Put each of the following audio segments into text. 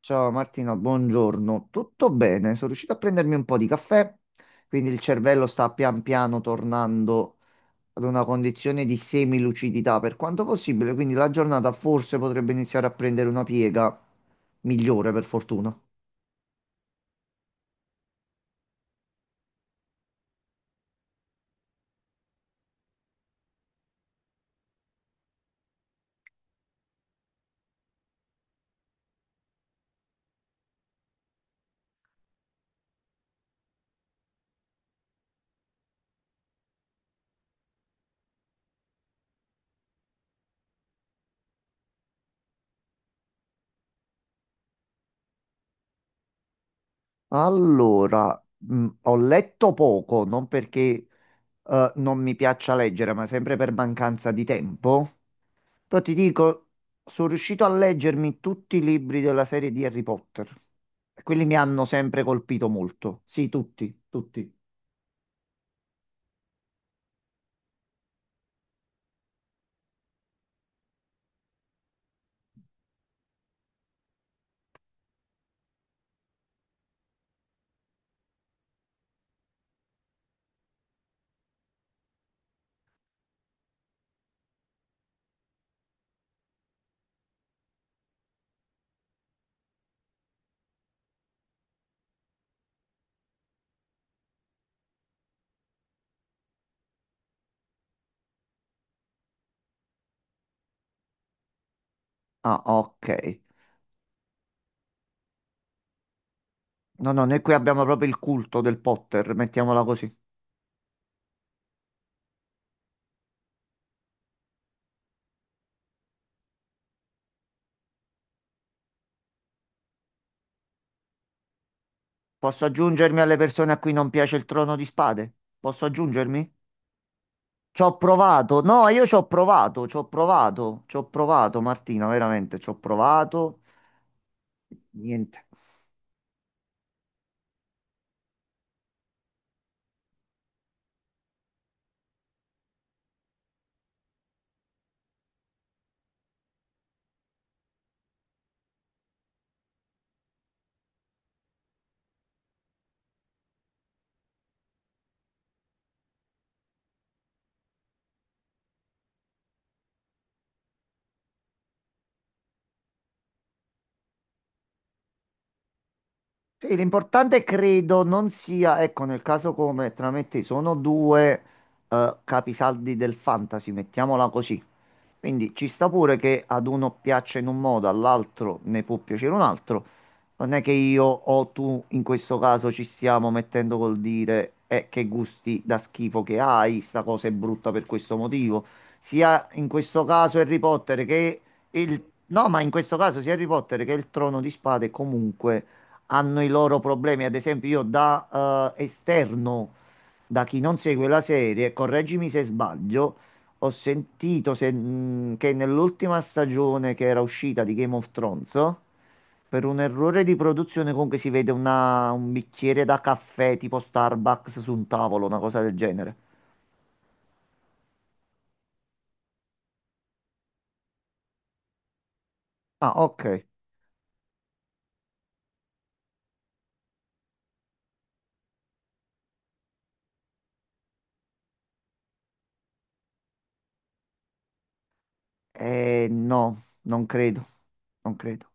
Ciao Martina, buongiorno. Tutto bene? Sono riuscito a prendermi un po' di caffè, quindi il cervello sta pian piano tornando ad una condizione di semilucidità per quanto possibile, quindi la giornata forse potrebbe iniziare a prendere una piega migliore per fortuna. Allora, ho letto poco, non perché non mi piaccia leggere, ma sempre per mancanza di tempo. Però ti dico, sono riuscito a leggermi tutti i libri della serie di Harry Potter. E quelli mi hanno sempre colpito molto. Sì, tutti, tutti. Ah, ok. No, no, noi qui abbiamo proprio il culto del Potter, mettiamola così. Posso aggiungermi alle persone a cui non piace il Trono di Spade? Posso aggiungermi? Ci ho provato. No, io ci ho provato, ci ho provato, Martina, veramente, ci ho provato. Niente. Sì, l'importante credo non sia, ecco, nel caso come tra me e te sono due capisaldi del fantasy, mettiamola così. Quindi ci sta pure che ad uno piaccia in un modo, all'altro ne può piacere un altro. Non è che io o tu in questo caso ci stiamo mettendo col dire che gusti da schifo che hai, sta cosa è brutta per questo motivo. Sia in questo caso Harry Potter che il... No, ma in questo caso sia Harry Potter che il Trono di Spade comunque hanno i loro problemi. Ad esempio, io da esterno, da chi non segue la serie, correggimi se sbaglio, ho sentito che nell'ultima stagione che era uscita di Game of Thrones, per un errore di produzione comunque si vede un bicchiere da caffè tipo Starbucks su un tavolo, una cosa del genere. Ah, ok. No, non credo. Non credo.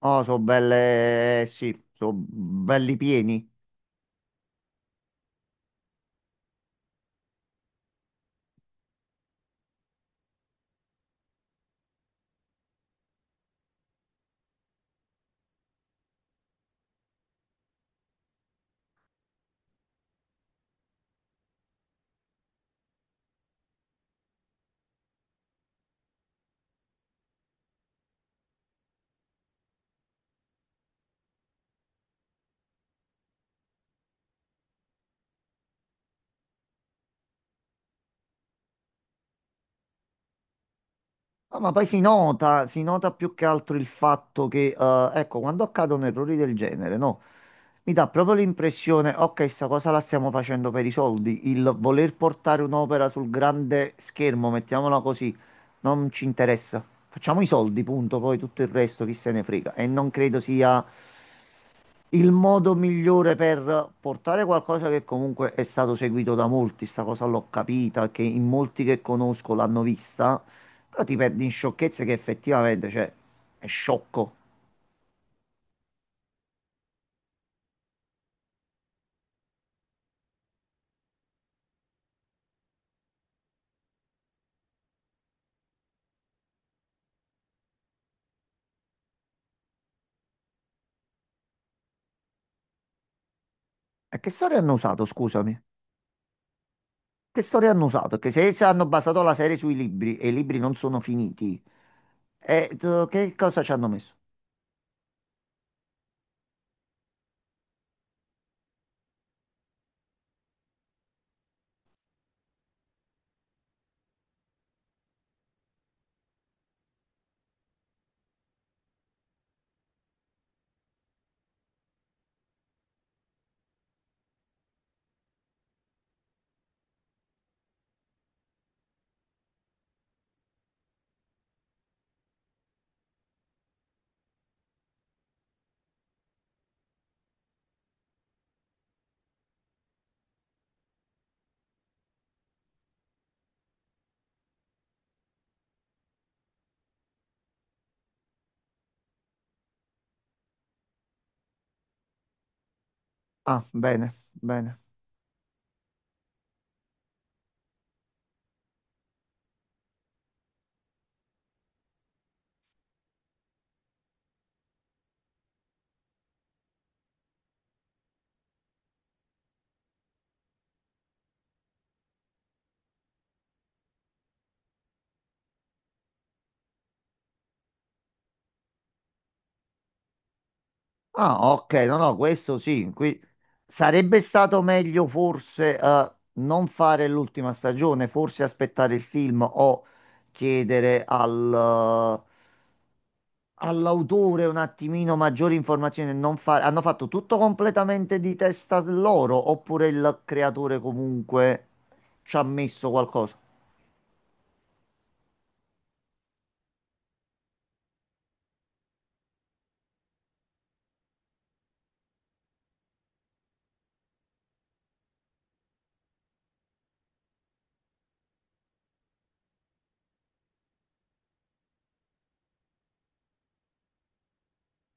Oh, sono belle, sì, sono belli pieni. Ah, ma poi si nota più che altro il fatto che, ecco, quando accadono errori del genere, no? Mi dà proprio l'impressione, ok, sta cosa la stiamo facendo per i soldi, il voler portare un'opera sul grande schermo, mettiamola così, non ci interessa. Facciamo i soldi, punto, poi tutto il resto chi se ne frega. E non credo sia il modo migliore per portare qualcosa che comunque è stato seguito da molti, sta cosa l'ho capita, che in molti che conosco l'hanno vista, però ti perdi in sciocchezze che effettivamente, cioè, è sciocco. E che storia hanno usato, scusami? Che storia hanno usato? Che se, se hanno basato la serie sui libri e i libri non sono finiti, che cosa ci hanno messo? Ah, bene, bene. Ah, ok, no, no, questo sì. Sarebbe stato meglio forse non fare l'ultima stagione, forse aspettare il film o chiedere all'autore un attimino maggiori informazioni. E Non fare... Hanno fatto tutto completamente di testa loro oppure il creatore comunque ci ha messo qualcosa?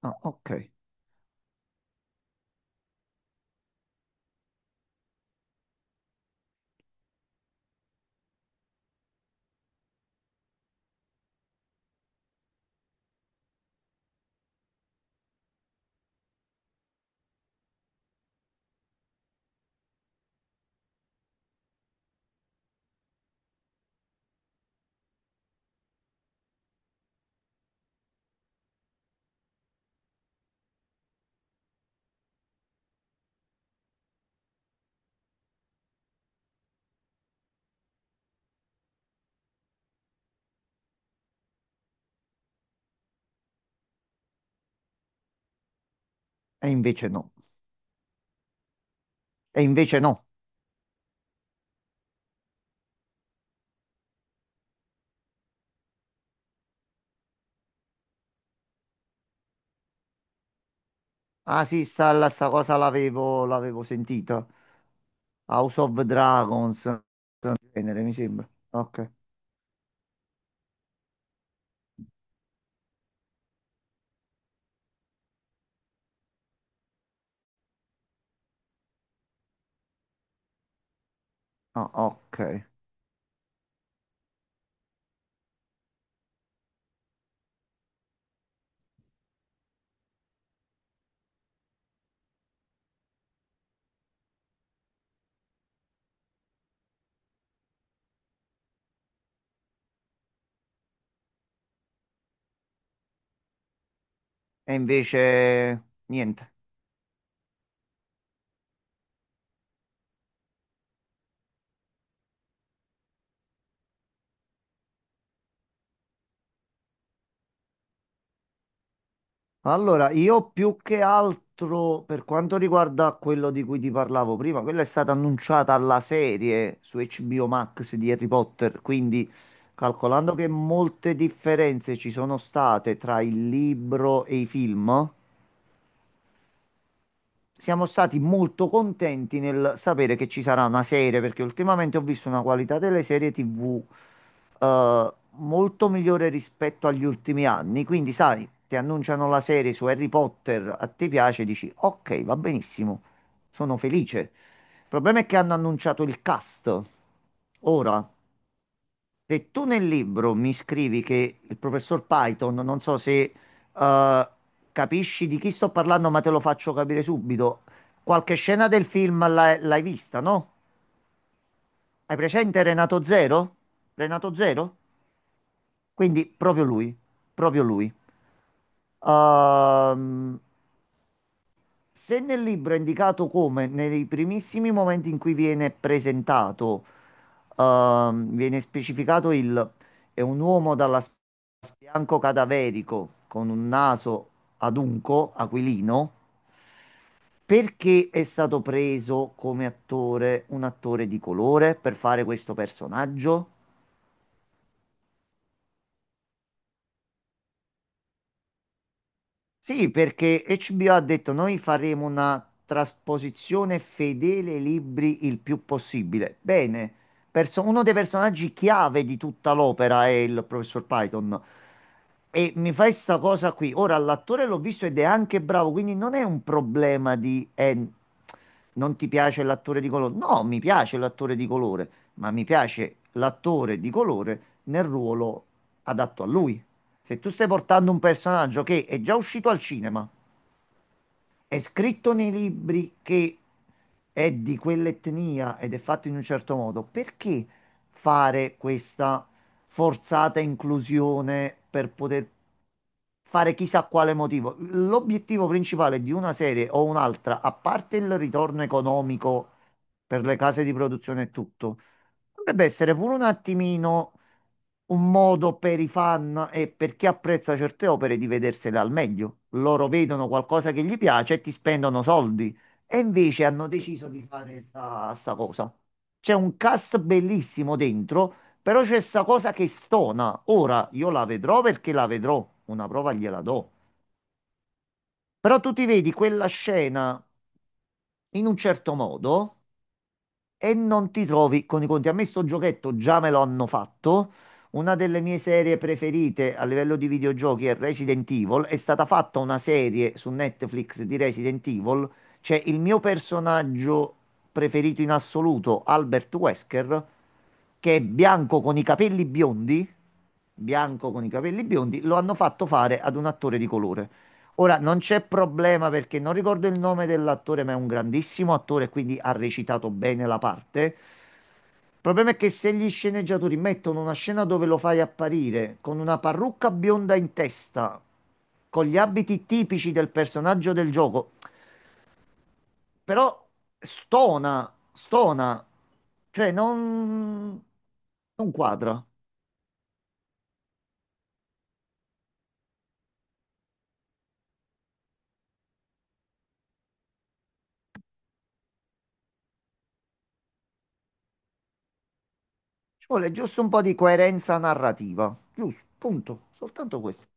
Ah, ok. E invece no. E invece no. Ah sì, sta cosa l'avevo sentita. House of Dragons. Genere, mi sembra. Ok. Ah, ok. E invece niente. Allora, io più che altro per quanto riguarda quello di cui ti parlavo prima, quella è stata annunciata alla serie su HBO Max di Harry Potter, quindi calcolando che molte differenze ci sono state tra il libro e i film, siamo stati molto contenti nel sapere che ci sarà una serie, perché ultimamente ho visto una qualità delle serie TV molto migliore rispetto agli ultimi anni. Quindi, sai, ti annunciano la serie su Harry Potter, a te piace, dici ok, va benissimo, sono felice. Il problema è che hanno annunciato il cast ora e tu nel libro mi scrivi che il professor Python, non so se eh, capisci di chi sto parlando, ma te lo faccio capire subito. Qualche scena del film l'hai vista, no? Hai presente Renato Zero? Renato Zero? Quindi proprio lui, proprio lui. Ehm, se nel libro è indicato come nei primissimi momenti in cui viene presentato, viene specificato il è un uomo dall'aspetto bianco cadaverico con un naso adunco, aquilino, perché è stato preso come attore un attore di colore per fare questo personaggio? Sì, perché HBO ha detto noi faremo una trasposizione fedele ai libri il più possibile. Bene, uno dei personaggi chiave di tutta l'opera è il professor Python. E mi fai sta cosa qui. Ora, l'attore l'ho visto ed è anche bravo, quindi non è un problema di non ti piace l'attore di colore. No, mi piace l'attore di colore, ma mi piace l'attore di colore nel ruolo adatto a lui. Se tu stai portando un personaggio che è già uscito al cinema, è scritto nei libri che è di quell'etnia ed è fatto in un certo modo, perché fare questa forzata inclusione per poter fare chissà quale motivo? L'obiettivo principale di una serie o un'altra, a parte il ritorno economico per le case di produzione e tutto, dovrebbe essere pure un attimino un modo per i fan e per chi apprezza certe opere di vedersele al meglio. Loro vedono qualcosa che gli piace e ti spendono soldi. E invece hanno deciso di fare sta cosa. C'è un cast bellissimo dentro, però c'è sta cosa che stona. Ora io la vedrò perché la vedrò, una prova gliela do. Però tu ti vedi quella scena in un certo modo e non ti trovi con i conti. A me sto giochetto già me lo hanno fatto. Una delle mie serie preferite a livello di videogiochi è Resident Evil. È stata fatta una serie su Netflix di Resident Evil. C'è il mio personaggio preferito in assoluto, Albert Wesker, che è bianco con i capelli biondi. Bianco con i capelli biondi, lo hanno fatto fare ad un attore di colore. Ora non c'è problema perché non ricordo il nome dell'attore, ma è un grandissimo attore, quindi ha recitato bene la parte. Il problema è che se gli sceneggiatori mettono una scena dove lo fai apparire con una parrucca bionda in testa, con gli abiti tipici del personaggio del gioco, però stona, stona, cioè non, non quadra. Ci vuole giusto un po' di coerenza narrativa, giusto, punto, soltanto questo.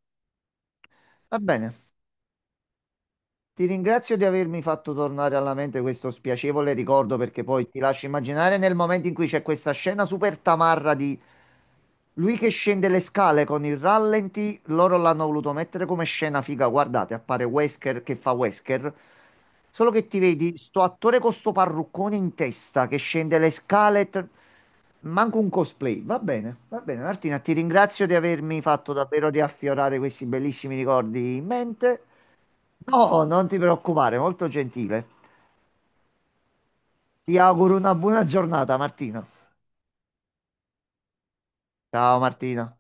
Va bene. Ti ringrazio di avermi fatto tornare alla mente questo spiacevole ricordo perché poi ti lascio immaginare nel momento in cui c'è questa scena super tamarra di lui che scende le scale con il rallenti, loro l'hanno voluto mettere come scena figa, guardate, appare Wesker che fa Wesker, solo che ti vedi sto attore con sto parruccone in testa che scende le scale, manco un cosplay, va bene Martina, ti ringrazio di avermi fatto davvero riaffiorare questi bellissimi ricordi in mente. No, non ti preoccupare, molto gentile. Ti auguro una buona giornata, Martina. Ciao Martina.